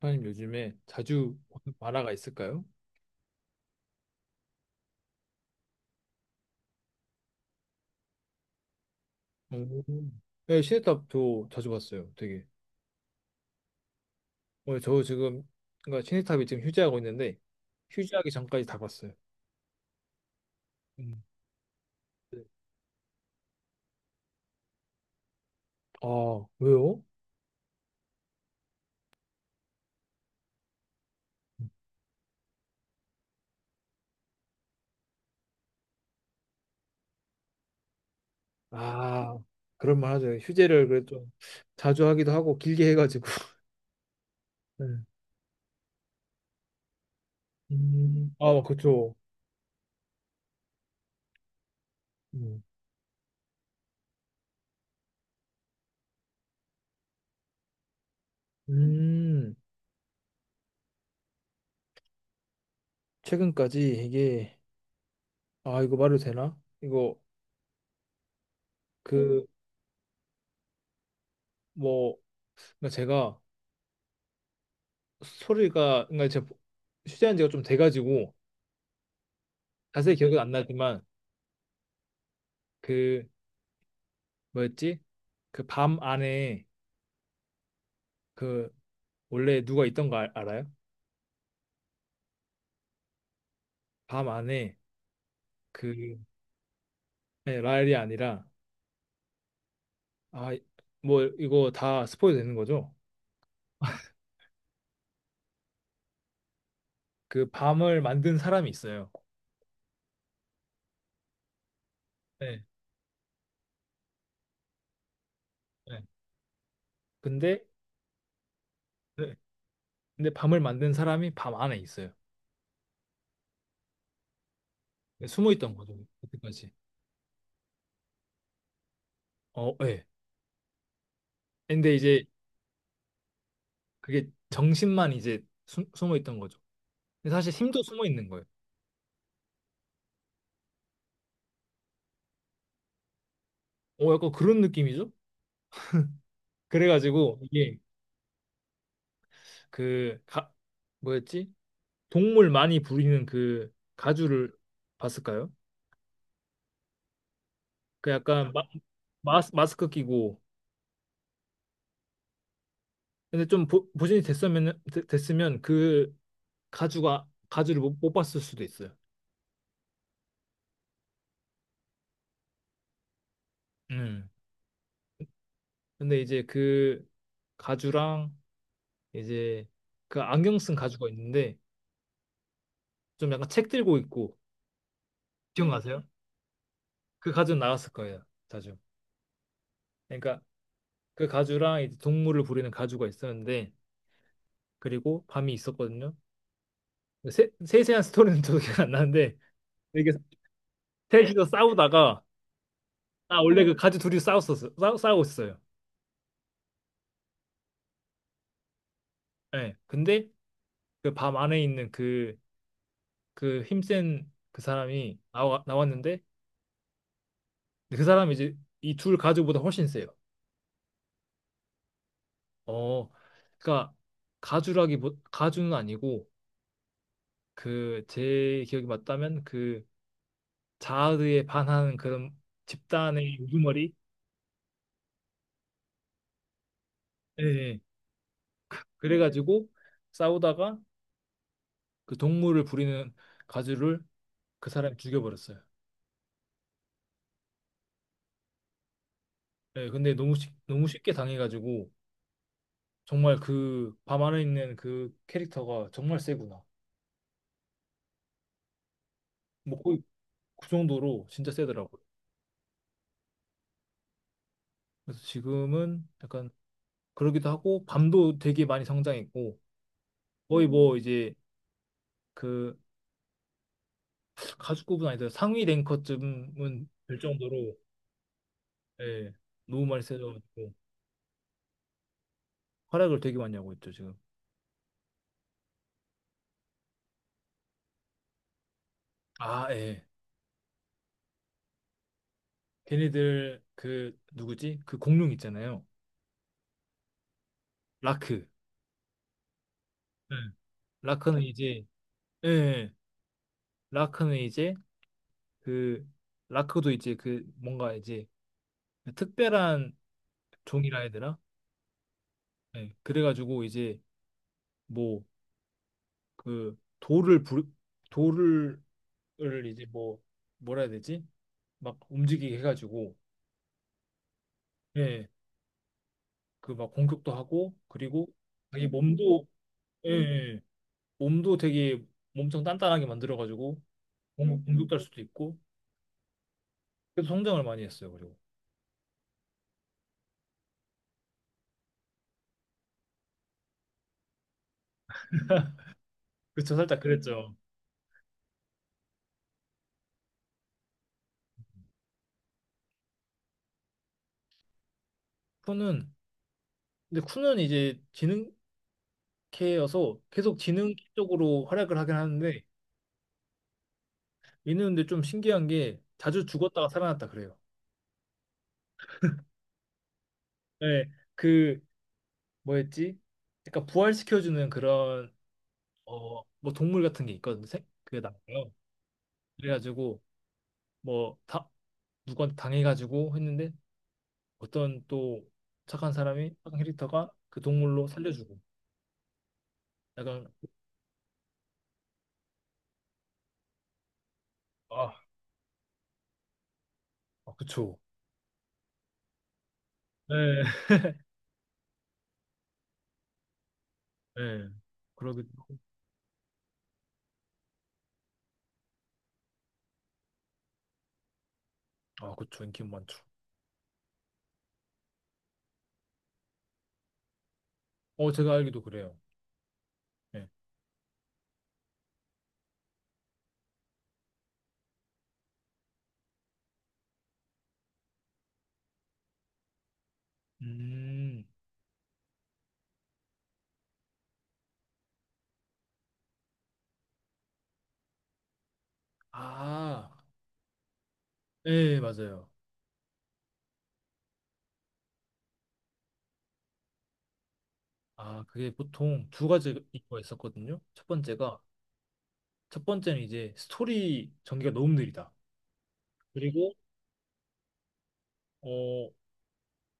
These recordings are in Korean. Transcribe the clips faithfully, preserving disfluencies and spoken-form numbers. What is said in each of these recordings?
사장님 요즘에 자주 보는 만화가 있을까요? 오. 네, 시네탑 저 자주 봤어요. 되게. 오늘 저 지금 그러니까 시네탑이 지금 휴지하고 있는데 휴지하기 전까지 다 봤어요. 음. 네. 아, 왜요? 아, 그런 말 하죠. 휴재를 그래도 자주 하기도 하고 길게 해가지고. 네. 음. 아, 그쵸. 음. 음. 최근까지 이게 아, 이거 말해도 되나? 이거 그뭐 그러니까 제가 소리가 그러니까 제가 휴대한 지가 좀 돼가지고 자세히 기억은 안 나지만 그 뭐였지? 그 밤 안에 그 원래 누가 있던 거 알, 아요. 밤 안에 그, 네, 라엘이 아니라 아, 뭐 이거 다 스포이 되는 거죠? 그 밤을 만든 사람이 있어요. 네, 네. 근데, 네. 근데 밤을 만든 사람이 밤 안에 있어요. 네, 숨어 있던 거죠. 그때까지. 어, 예. 근데 이제 그게 정신만 이제 숨, 숨어 있던 거죠. 근데 사실 힘도 숨어 있는 거예요. 어, 약간 그런 느낌이죠? 그래가지고 이게 그 가, 뭐였지? 동물 많이 부리는 그 가주를 봤을까요? 그 약간 마, 마스, 마스크 끼고, 근데 좀 보, 보존이 됐으면 됐- 됐으면 그 가주가 가주를 못, 못 봤을 수도 있어요. 음. 근데 이제 그 가주랑 이제 그 안경 쓴 가주가 있는데 좀 약간 책 들고 있고, 기억나세요? 그 가주 나갔을 거예요. 자주. 그러니까 그 가주랑 이제 동물을 부리는 가주가 있었는데 그리고 밤이 있었거든요. 세, 세세한 스토리는 저도 기억 안 나는데, 이게 셋이서 싸우다가, 아, 원래 그, 네. 가주 둘이 싸웠었어요. 싸우, 싸우고 있어요. 예. 근데 그 밤 안에 있는 그 그 힘센 그 사람이 나와, 나왔는데 그 사람이 이제 이 둘 가주보다 훨씬 세요. 어. 그러니까 가주라기 보, 가주는 아니고 그, 제 기억이 맞다면 그, 자아드에 반하는 그런 집단의 우두머리. 예, 예. 그래가지고 싸우다가 그 동물을 부리는 가주를 그 사람이 죽여버렸어요. 예, 근데 너무 쉽, 너무 쉽게 당해가지고 정말 그 밤 안에 있는 그 캐릭터가 정말 세구나. 뭐 거의 그 정도로 진짜 세더라고요. 그래서 지금은 약간 그러기도 하고 밤도 되게 많이 성장했고, 거의 뭐 이제 그 가죽급은 아니더라도 상위 랭커쯤은 될 정도로, 예, 너무 많이 세져가지고 활약을 되게 많이 하고 있죠 지금. 아, 예. 걔네들 그 누구지? 그 공룡 있잖아요. 라크. 네. 라크는 이제, 예, 예. 라크는 이제 그 라크도 이제 그 뭔가 이제 그 특별한 종이라 해야 되나? 예. 그래가지고 이제 뭐 그 돌을 부르 돌을 이제 뭐 뭐라 해야 되지? 막 움직이게 해가지고, 예. 그 막 공격도 하고, 그리고 자기 몸도, 예, 예. 몸도 되게 몸청 단단하게 만들어가지고 공- 공격할 수도 있고, 그래서 성장을 많이 했어요. 그리고 그쵸, 살짝 그랬죠. 쿠는, 근데 쿠는 이제 지능캐여서 계속 지능 쪽으로 활약을 하긴 하는데, 얘는 근데 좀 신기한 게 자주 죽었다가 살아났다 그래요. 네, 그 뭐였지? 약간 부활시켜주는 그런, 어 뭐 동물 같은 게 있거든요. 생- 그게 나와요. 그래가지고 뭐, 다 누구한테 당해가지고 했는데 어떤 또 착한 사람이, 착한 캐릭터가 그 동물로 살려주고, 약간. 아, 아, 그쵸. 네, 네, 그러기도. 아, 그쵸. 인기 많죠. 어, 제가 알기도 그래요. 예. 음, 아, 네 맞아요. 아, 그게 보통 두 가지가 있었거든요. 첫 번째가, 첫 번째는 이제 스토리 전개가 너무 느리다. 그리고, 어,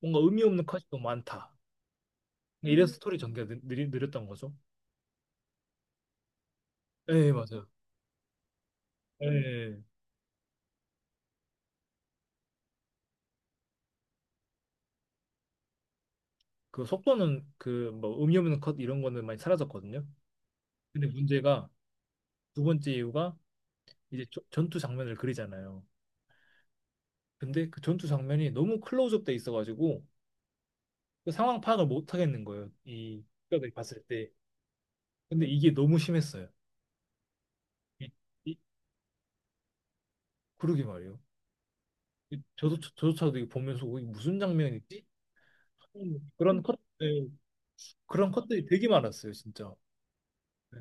뭔가 의미 없는 컷이 너무 많다. 그러니까 이래서 스토리 전개가 느, 느리, 느렸던 거죠. 네 맞아요. 네. 그 속도는, 그 뭐 의미 없는 컷 이런 거는 많이 사라졌거든요. 근데 문제가 두 번째 이유가 이제 조- 전투 장면을 그리잖아요. 근데 그 전투 장면이 너무 클로즈업 돼 있어가지고 그 상황 파악을 못 하겠는 거예요. 이 국가들이 봤을 때. 근데 이게 너무 심했어요. 이, 이, 그러게 말이에요. 이- 저도 저조차도 이거 보면서 이게 무슨 장면이지? 하는 그런 컷, 네, 그런 컷들이 되게 많았어요, 진짜. 네.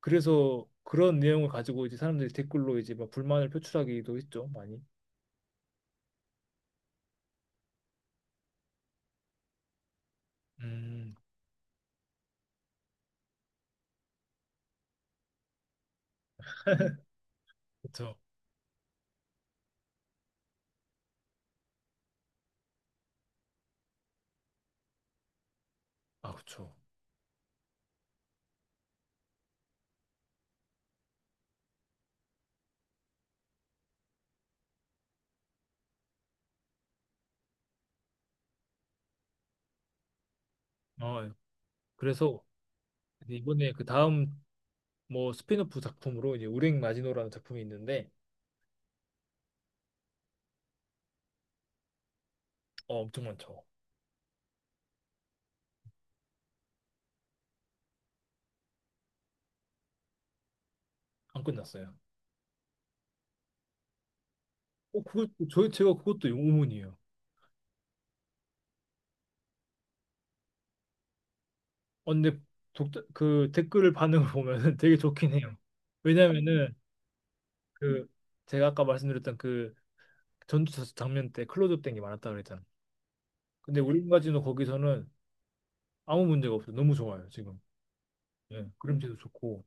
그래서 그런 내용을 가지고 이제 사람들이 댓글로 이제 막 불만을 표출하기도 했죠, 많이. 음, 그렇죠. 아, 그렇죠. 어, 그래서 이제 이번에 그 다음 뭐 스핀오프 작품으로 이제 우렝 마지노라는 작품이 있는데. 어, 엄청 많죠. 안 끝났어요. 어, 그거 저 제가 그것도 의문이에요. 어, 근데 독, 그 댓글 반응을 보면은 되게 좋긴 해요. 왜냐면은 그 제가 아까 말씀드렸던 그 전투 장면 때 클로즈업 된 게 많았다 그랬잖아요. 근데 우렝 마지노 거기서는 아무 문제가 없어요. 너무 좋아요, 지금. 예, 그림체도 좋고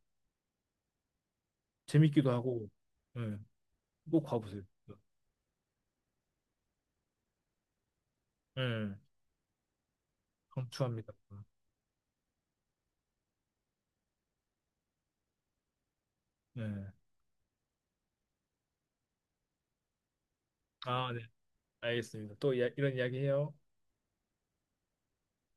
재밌기도 하고. 예, 꼭 봐보세요. 예, 강추합니다. 예. 아, 네. 알겠습니다. 또 이야- 이런 이야기 해요.